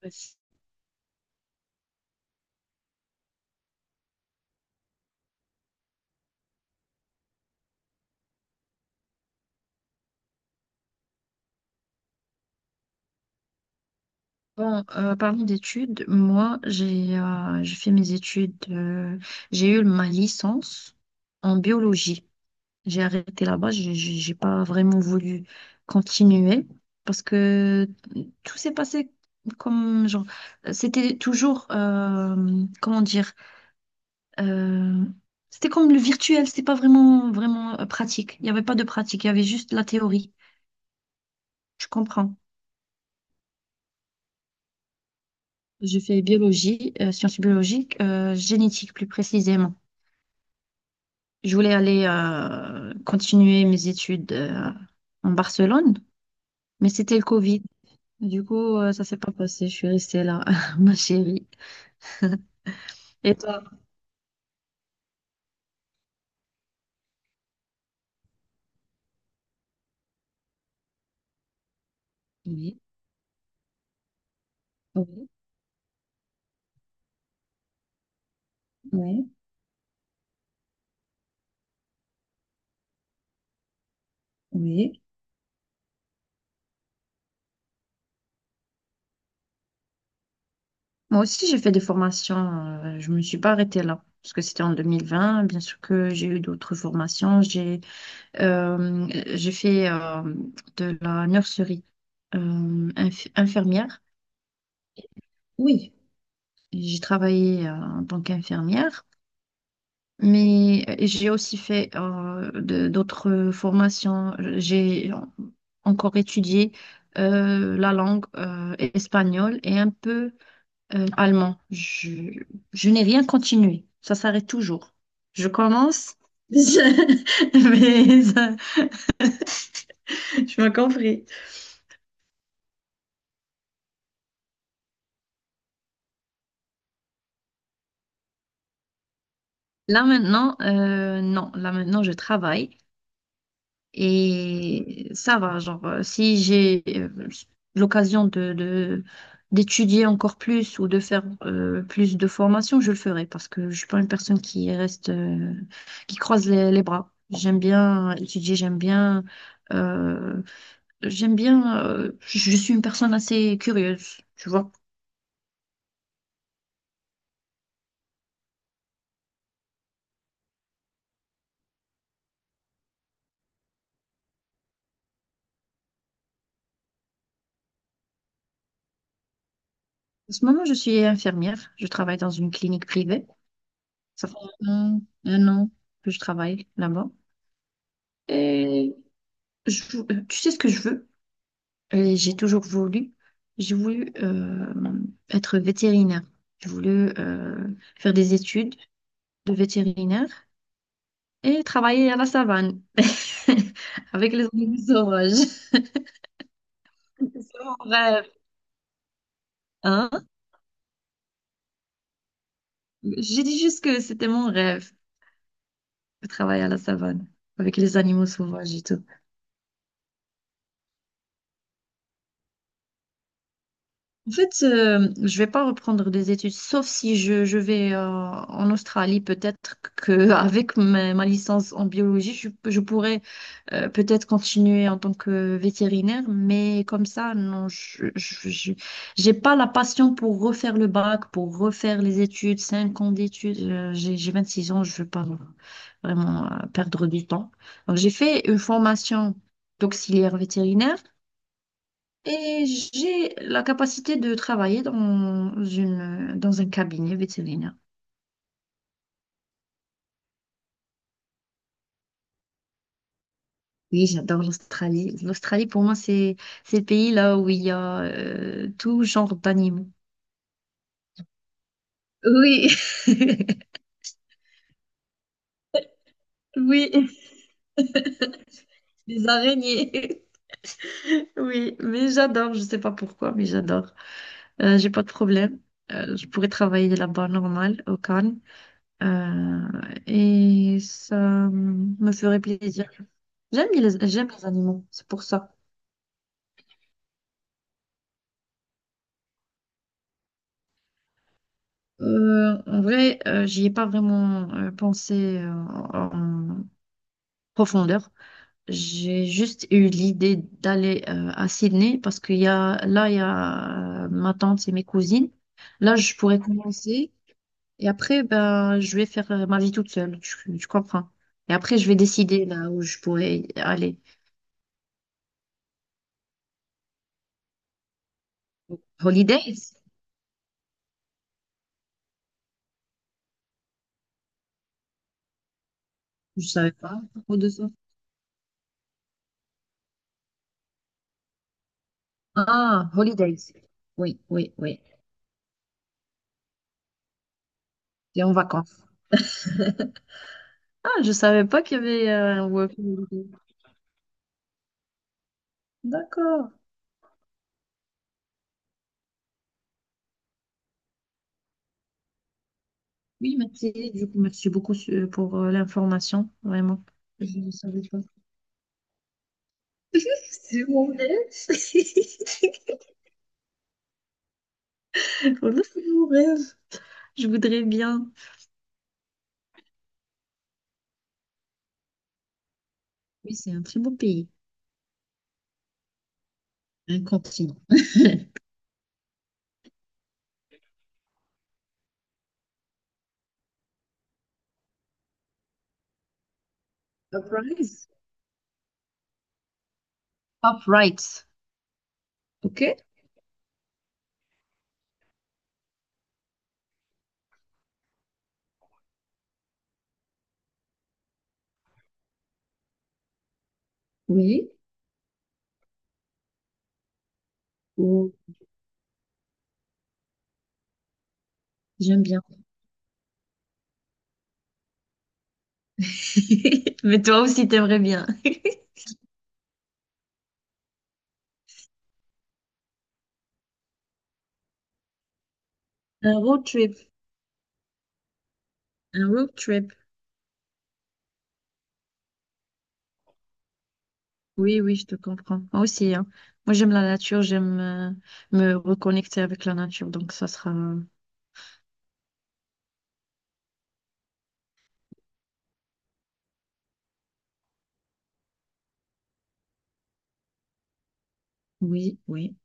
Bon, Parlant d'études, moi, j'ai fait mes études, j'ai eu ma licence en biologie. J'ai arrêté là-bas, j'ai pas vraiment voulu continuer parce que tout s'est passé comme genre, c'était toujours, comment dire, euh, c'était comme le virtuel, c'était pas vraiment, vraiment pratique. Il n'y avait pas de pratique, il y avait juste la théorie. Je comprends. Je fais biologie, sciences biologiques, génétique plus précisément. Je voulais aller continuer mes études en Barcelone, mais c'était le Covid. Du coup, ça s'est pas passé. Je suis restée là, ma chérie. Et toi? Oui, oui, oui, oui. Moi aussi, j'ai fait des formations. Je me suis pas arrêtée là. Parce que c'était en 2020, bien sûr que j'ai eu d'autres formations. Euh, j'ai fait de la nurserie infirmière. Oui, j'ai travaillé en tant qu'infirmière, mais j'ai aussi fait d'autres formations. J'ai encore étudié la langue espagnole et un peu allemand. Je n'ai rien continué. Ça s'arrête toujours. Je commence, je- mais ça- je m'as compris. Là maintenant, non, là maintenant je travaille. Et ça va, genre, si j'ai l'occasion d'étudier encore plus ou de faire plus de formations, je le ferai parce que je suis pas une personne qui reste, qui croise les bras. J'aime bien étudier, euh, j'aime bien, je suis une personne assez curieuse, tu vois. En ce moment, je suis infirmière, je travaille dans une clinique privée. Ça fait un an que je travaille là-bas. Et je- tu sais ce que je veux? Et j'ai toujours voulu, j'ai voulu être vétérinaire. J'ai voulu faire des études de vétérinaire et travailler à la savane avec les animaux sauvages. C'est mon rêve, hein? J'ai dit juste que c'était mon rêve de travailler à la savane avec les animaux sauvages et tout. En fait, je vais pas reprendre des études, sauf si je vais en Australie, peut-être qu'avec ma licence en biologie, je pourrais peut-être continuer en tant que vétérinaire, mais comme ça, non, j'ai pas la passion pour refaire le bac, pour refaire les études, cinq ans d'études. J'ai 26 ans, je veux pas vraiment perdre du temps. Donc, j'ai fait une formation d'auxiliaire vétérinaire et j'ai la capacité de travailler dans dans un cabinet vétérinaire. Oui, j'adore l'Australie. L'Australie, pour moi, c'est le pays là où il y a tout genre d'animaux. Oui, oui, les araignées. Oui, mais j'adore, je sais pas pourquoi, mais j'adore. J'ai pas de problème. Je pourrais travailler là-bas normal, au calme. Euh, et ça me ferait plaisir. J'aime j'aime les animaux, c'est pour ça. En vrai, j'y ai pas vraiment pensé en profondeur. J'ai juste eu l'idée d'aller à Sydney parce qu'il y a là il y a ma tante et mes cousines. Là je pourrais commencer et après ben je vais faire ma vie toute seule. Tu comprends? Et après je vais décider là où je pourrais aller. Holidays? Je savais pas trop de ça. Ah, holidays. Oui, oui, oui. C'est en vacances. Ah, je savais pas qu'il y avait un work holiday. D'accord. Oui, merci. Du coup, merci beaucoup pour l'information, vraiment. Je ne savais pas. C'est mon rêve. Voilà, c'est mon rêve. Je voudrais bien. Oui, c'est un très beau pays, un continent. Surprise. Upright. Ok? Oui. Oh, j'aime bien. Mais toi aussi, t'aimerais bien. Un road trip. Un road trip. Oui, oui, je te comprends. Moi aussi, hein. Moi, j'aime la nature, j'aime me reconnecter avec la nature, donc ça sera... Oui, oui.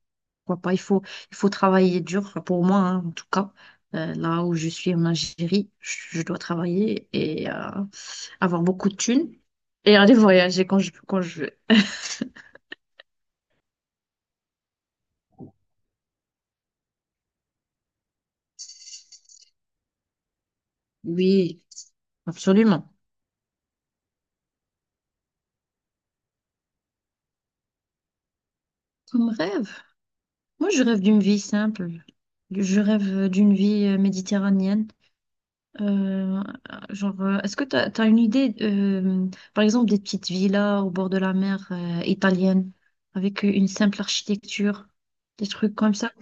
Pourquoi pas? Il faut travailler dur, enfin, pour moi, hein, en tout cas. Là où je suis en Algérie, je dois travailler et avoir beaucoup de thunes et aller voyager quand quand je veux. Oui, absolument. Comme rêve. Moi, je rêve d'une vie simple. Je rêve d'une vie méditerranéenne. Euh, genre, est-ce que tu as, une idée, par exemple, des petites villas au bord de la mer italienne avec une simple architecture, des trucs comme ça?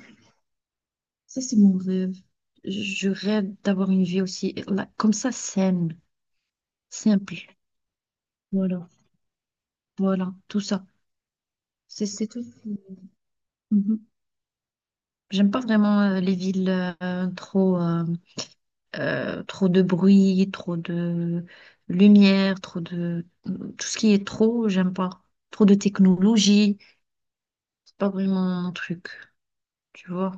Ça, c'est mon rêve. Je rêve d'avoir une vie aussi, là, comme ça, saine, simple. Voilà, voilà, tout ça. C'est tout. Mhm. J'aime pas vraiment les villes euh, trop, euh, trop de bruit, trop de lumière, trop de... Tout ce qui est trop, j'aime pas. Trop de technologie, c'est pas vraiment mon truc, tu vois.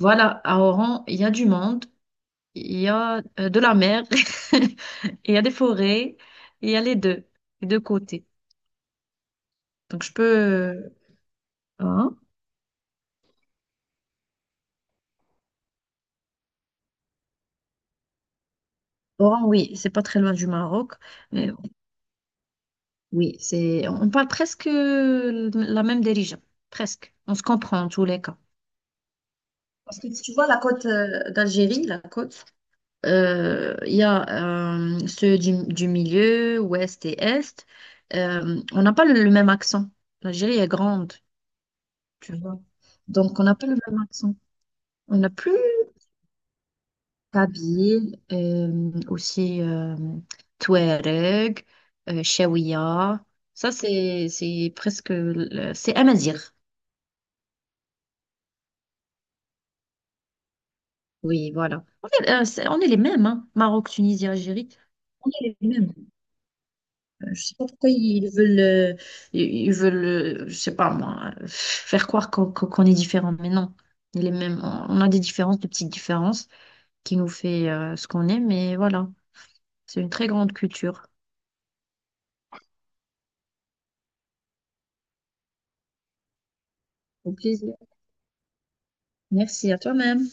Voilà, à Oran, il y a du monde, il y a de la mer, il y a des forêts, il y a les deux côtés. Donc je peux... euh, Hein? Oran, oui, c'est pas très loin du Maroc, mais oui, c'est... On parle presque la même dérision, presque. On se comprend en tous les cas. Parce que si tu vois la côte d'Algérie, la côte, il y a ceux du milieu, ouest et est. On n'a pas le même accent. L'Algérie est grande, tu vois. Donc, on n'a pas le même accent. On a plus Kabyle, aussi Touareg, Chaouia. Ça, c'est presque. C'est Amazigh. Oui, voilà. En fait, On est, les mêmes, hein. Maroc, Tunisie, Algérie. On est les mêmes. Je sais pas pourquoi ils veulent, ils ils veulent, je sais pas moi, faire croire qu'on est différents. Mais non, on est les mêmes. On a des différences, de petites différences qui nous fait ce qu'on est. Mais voilà, c'est une très grande culture. Au plaisir. Merci à toi-même.